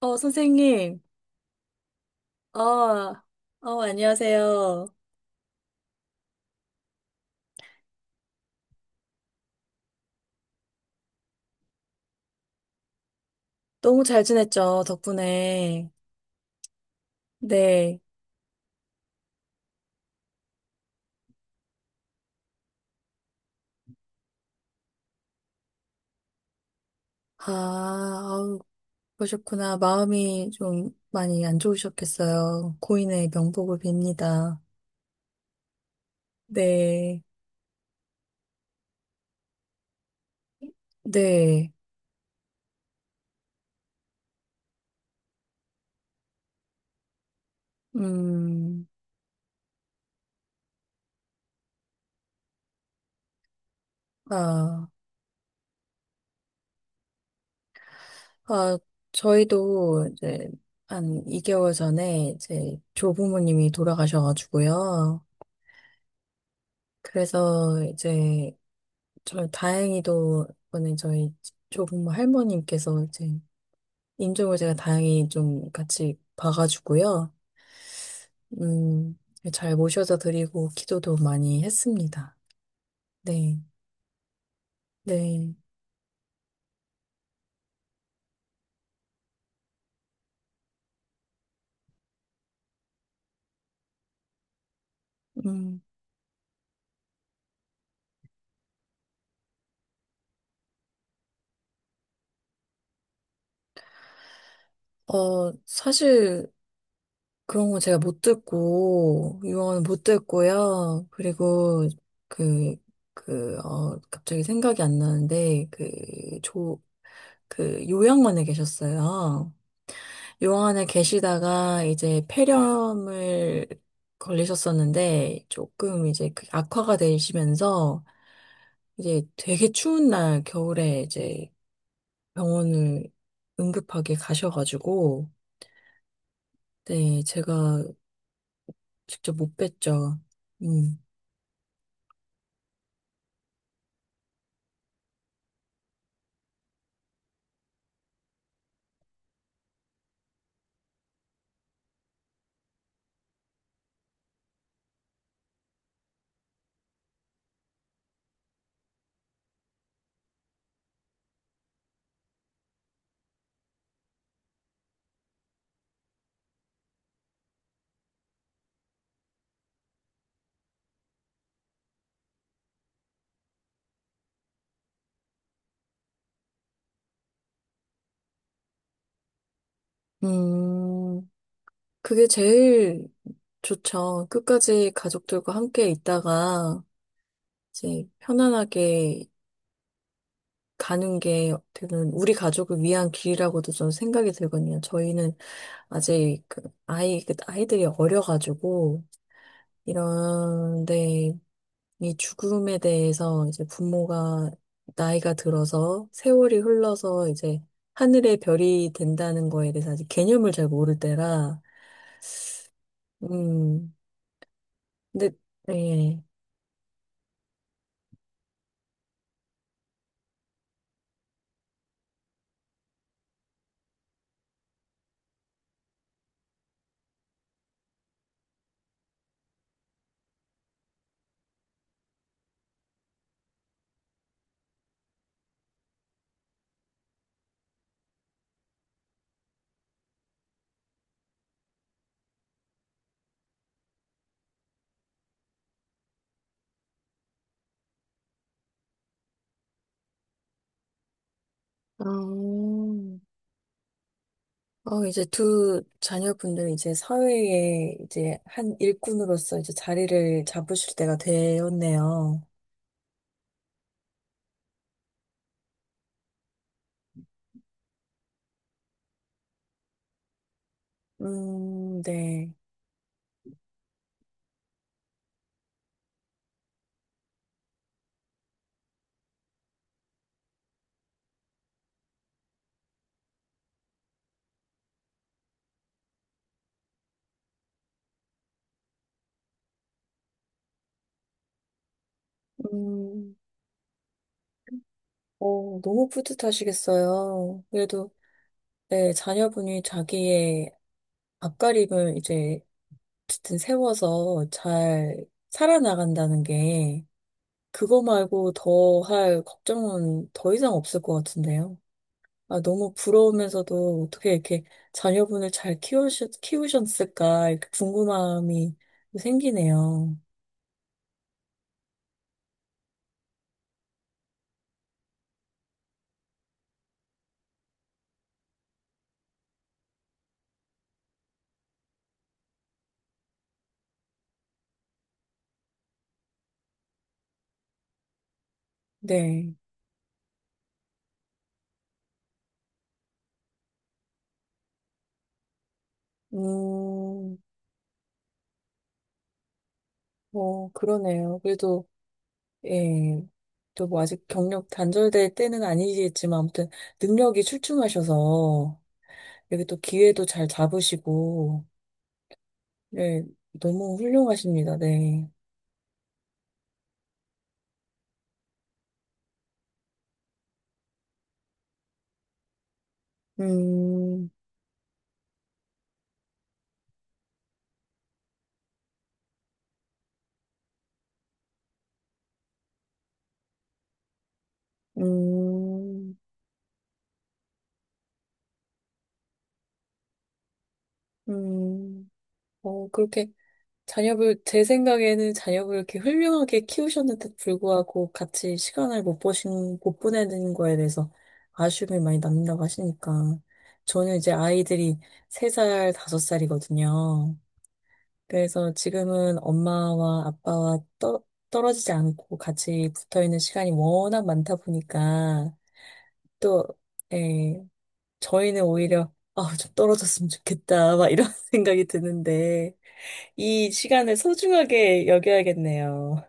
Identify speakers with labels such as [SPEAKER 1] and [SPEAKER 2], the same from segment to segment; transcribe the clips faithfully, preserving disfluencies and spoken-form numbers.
[SPEAKER 1] 어, 선생님. 어, 어, 안녕하세요. 너무 잘 지냈죠, 덕분에. 네. 아, 아우, 그러셨구나. 마음이 좀 많이 안 좋으셨겠어요. 고인의 명복을 빕니다. 네. 네. 음, 아, 아, 저희도 이제 한 이 개월 전에 이제 조부모님이 돌아가셔가지고요. 그래서 이제 저 다행히도 이번에 저희 조부모 할머님께서 이제 인종을 제가 다행히 좀 같이 봐가지고요. 음, 잘 모셔다 드리고 기도도 많이 했습니다. 네, 네. 음, 어, 사실 그런 거 제가 못 듣고 유언 못 듣고요. 그리고 그, 그, 어, 갑자기 생각이 안 나는데 그 조, 그 요양원에 계셨어요. 요양 안에 계시다가 이제 폐렴을 걸리셨었는데 조금 이제 그 악화가 되시면서 이제 되게 추운 날 겨울에 이제 병원을 응급하게 가셔가지고, 네, 제가 직접 못 뵀죠. 음. 음, 그게 제일 좋죠. 끝까지 가족들과 함께 있다가 이제 편안하게 가는 게 어떻게 보면 우리 가족을 위한 길이라고도 저는 생각이 들거든요. 저희는 아직 그 아이, 그 아이들이 어려가지고 이런 데 이 죽음에 대해서 이제 부모가 나이가 들어서 세월이 흘러서 이제 하늘의 별이 된다는 거에 대해서 아직 개념을 잘 모를 때라. 음 근데, 예. 아. 어, 이제 두 자녀분들 이제 사회에 이제 한 일꾼으로서 이제 자리를 잡으실 때가 되었네요. 음, 네. 음, 어, 너무 뿌듯하시겠어요. 그래도, 네, 자녀분이 자기의 앞가림을 이제 어쨌든 세워서 잘 살아나간다는 게, 그거 말고 더 할 걱정은 더 이상 없을 것 같은데요. 아, 너무 부러우면서도 어떻게 이렇게 자녀분을 잘 키우셨, 키우셨을까, 이렇게 궁금함이 생기네요. 네. 음, 뭐, 그러네요. 그래도, 예, 또 뭐 아직 경력 단절될 때는 아니겠지만, 아무튼 능력이 출중하셔서, 여기 또 기회도 잘 잡으시고, 네, 너무 훌륭하십니다. 네. 음, 음, 음, 어, 그렇게, 자녀를, 제 생각에는 자녀를 이렇게 훌륭하게 키우셨는데도 불구하고 같이 시간을 못 보신, 못 보내는 거에 대해서 아쉬움이 많이 남는다고 하시니까. 저는 이제 아이들이 세 살, 다섯 살이거든요. 그래서 지금은 엄마와 아빠와 떠, 떨어지지 않고 같이 붙어 있는 시간이 워낙 많다 보니까, 또, 예, 저희는 오히려, 아, 좀 떨어졌으면 좋겠다, 막 이런 생각이 드는데. 이 시간을 소중하게 여겨야겠네요.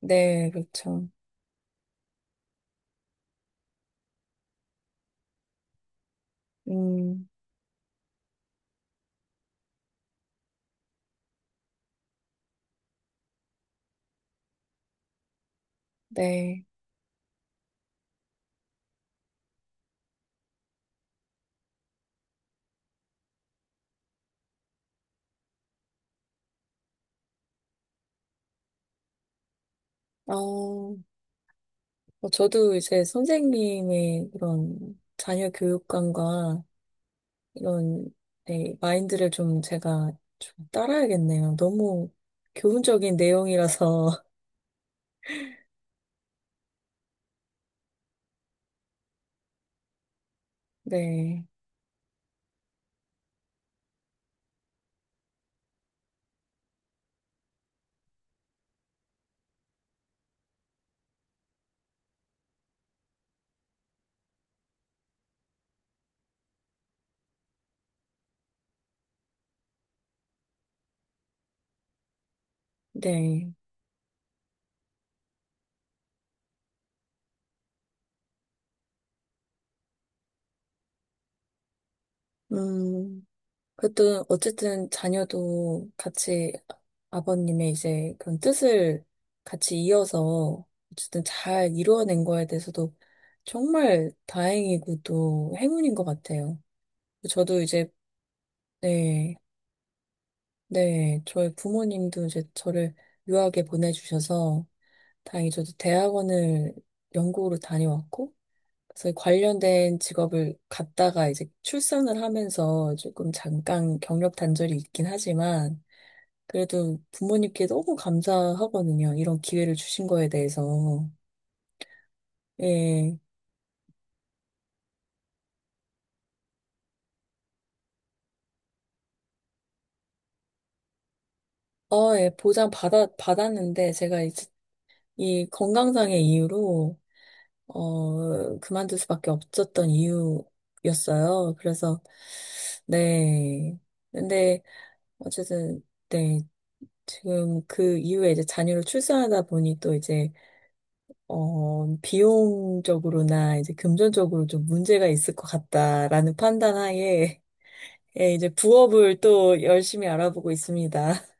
[SPEAKER 1] 네, 그렇죠. 음, 네. 어, 뭐, 저도 이제 선생님의 그런 자녀 교육관과 이런, 네, 마인드를 좀 제가 좀 따라야겠네요. 너무 교훈적인 내용이라서. 네, 네. 음. 그래도 어쨌든 자녀도 같이 아버님의 이제 그런 뜻을 같이 이어서 어쨌든 잘 이루어낸 거에 대해서도 정말 다행이고 또 행운인 것 같아요. 저도 이제, 네, 네, 저희 부모님도 이제 저를 유학에 보내주셔서 다행히 저도 대학원을 영국으로 다녀왔고, 그래서 관련된 직업을 갖다가 이제 출산을 하면서 조금 잠깐 경력 단절이 있긴 하지만, 그래도 부모님께 너무 감사하거든요. 이런 기회를 주신 거에 대해서. 예. 어, 예, 보장 받아, 받았는데, 제가 이제 이 건강상의 이유로, 어, 그만둘 수밖에 없었던 이유였어요. 그래서, 네. 근데, 어쨌든, 네. 지금 그 이후에 이제 자녀를 출산하다 보니 또 이제, 어, 비용적으로나 이제 금전적으로 좀 문제가 있을 것 같다라는 판단 하에, 예, 이제 부업을 또 열심히 알아보고 있습니다.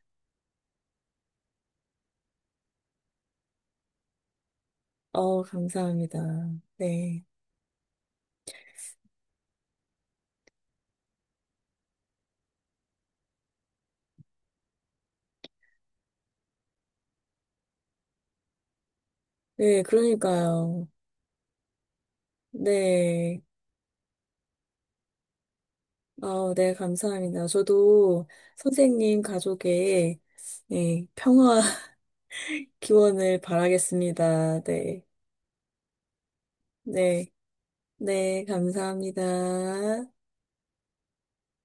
[SPEAKER 1] 어, 감사합니다. 네. 네, 그러니까요. 네. 어, 네, 감사합니다. 저도 선생님 가족의, 네, 평화 기원을 바라겠습니다. 네. 네. 네, 감사합니다.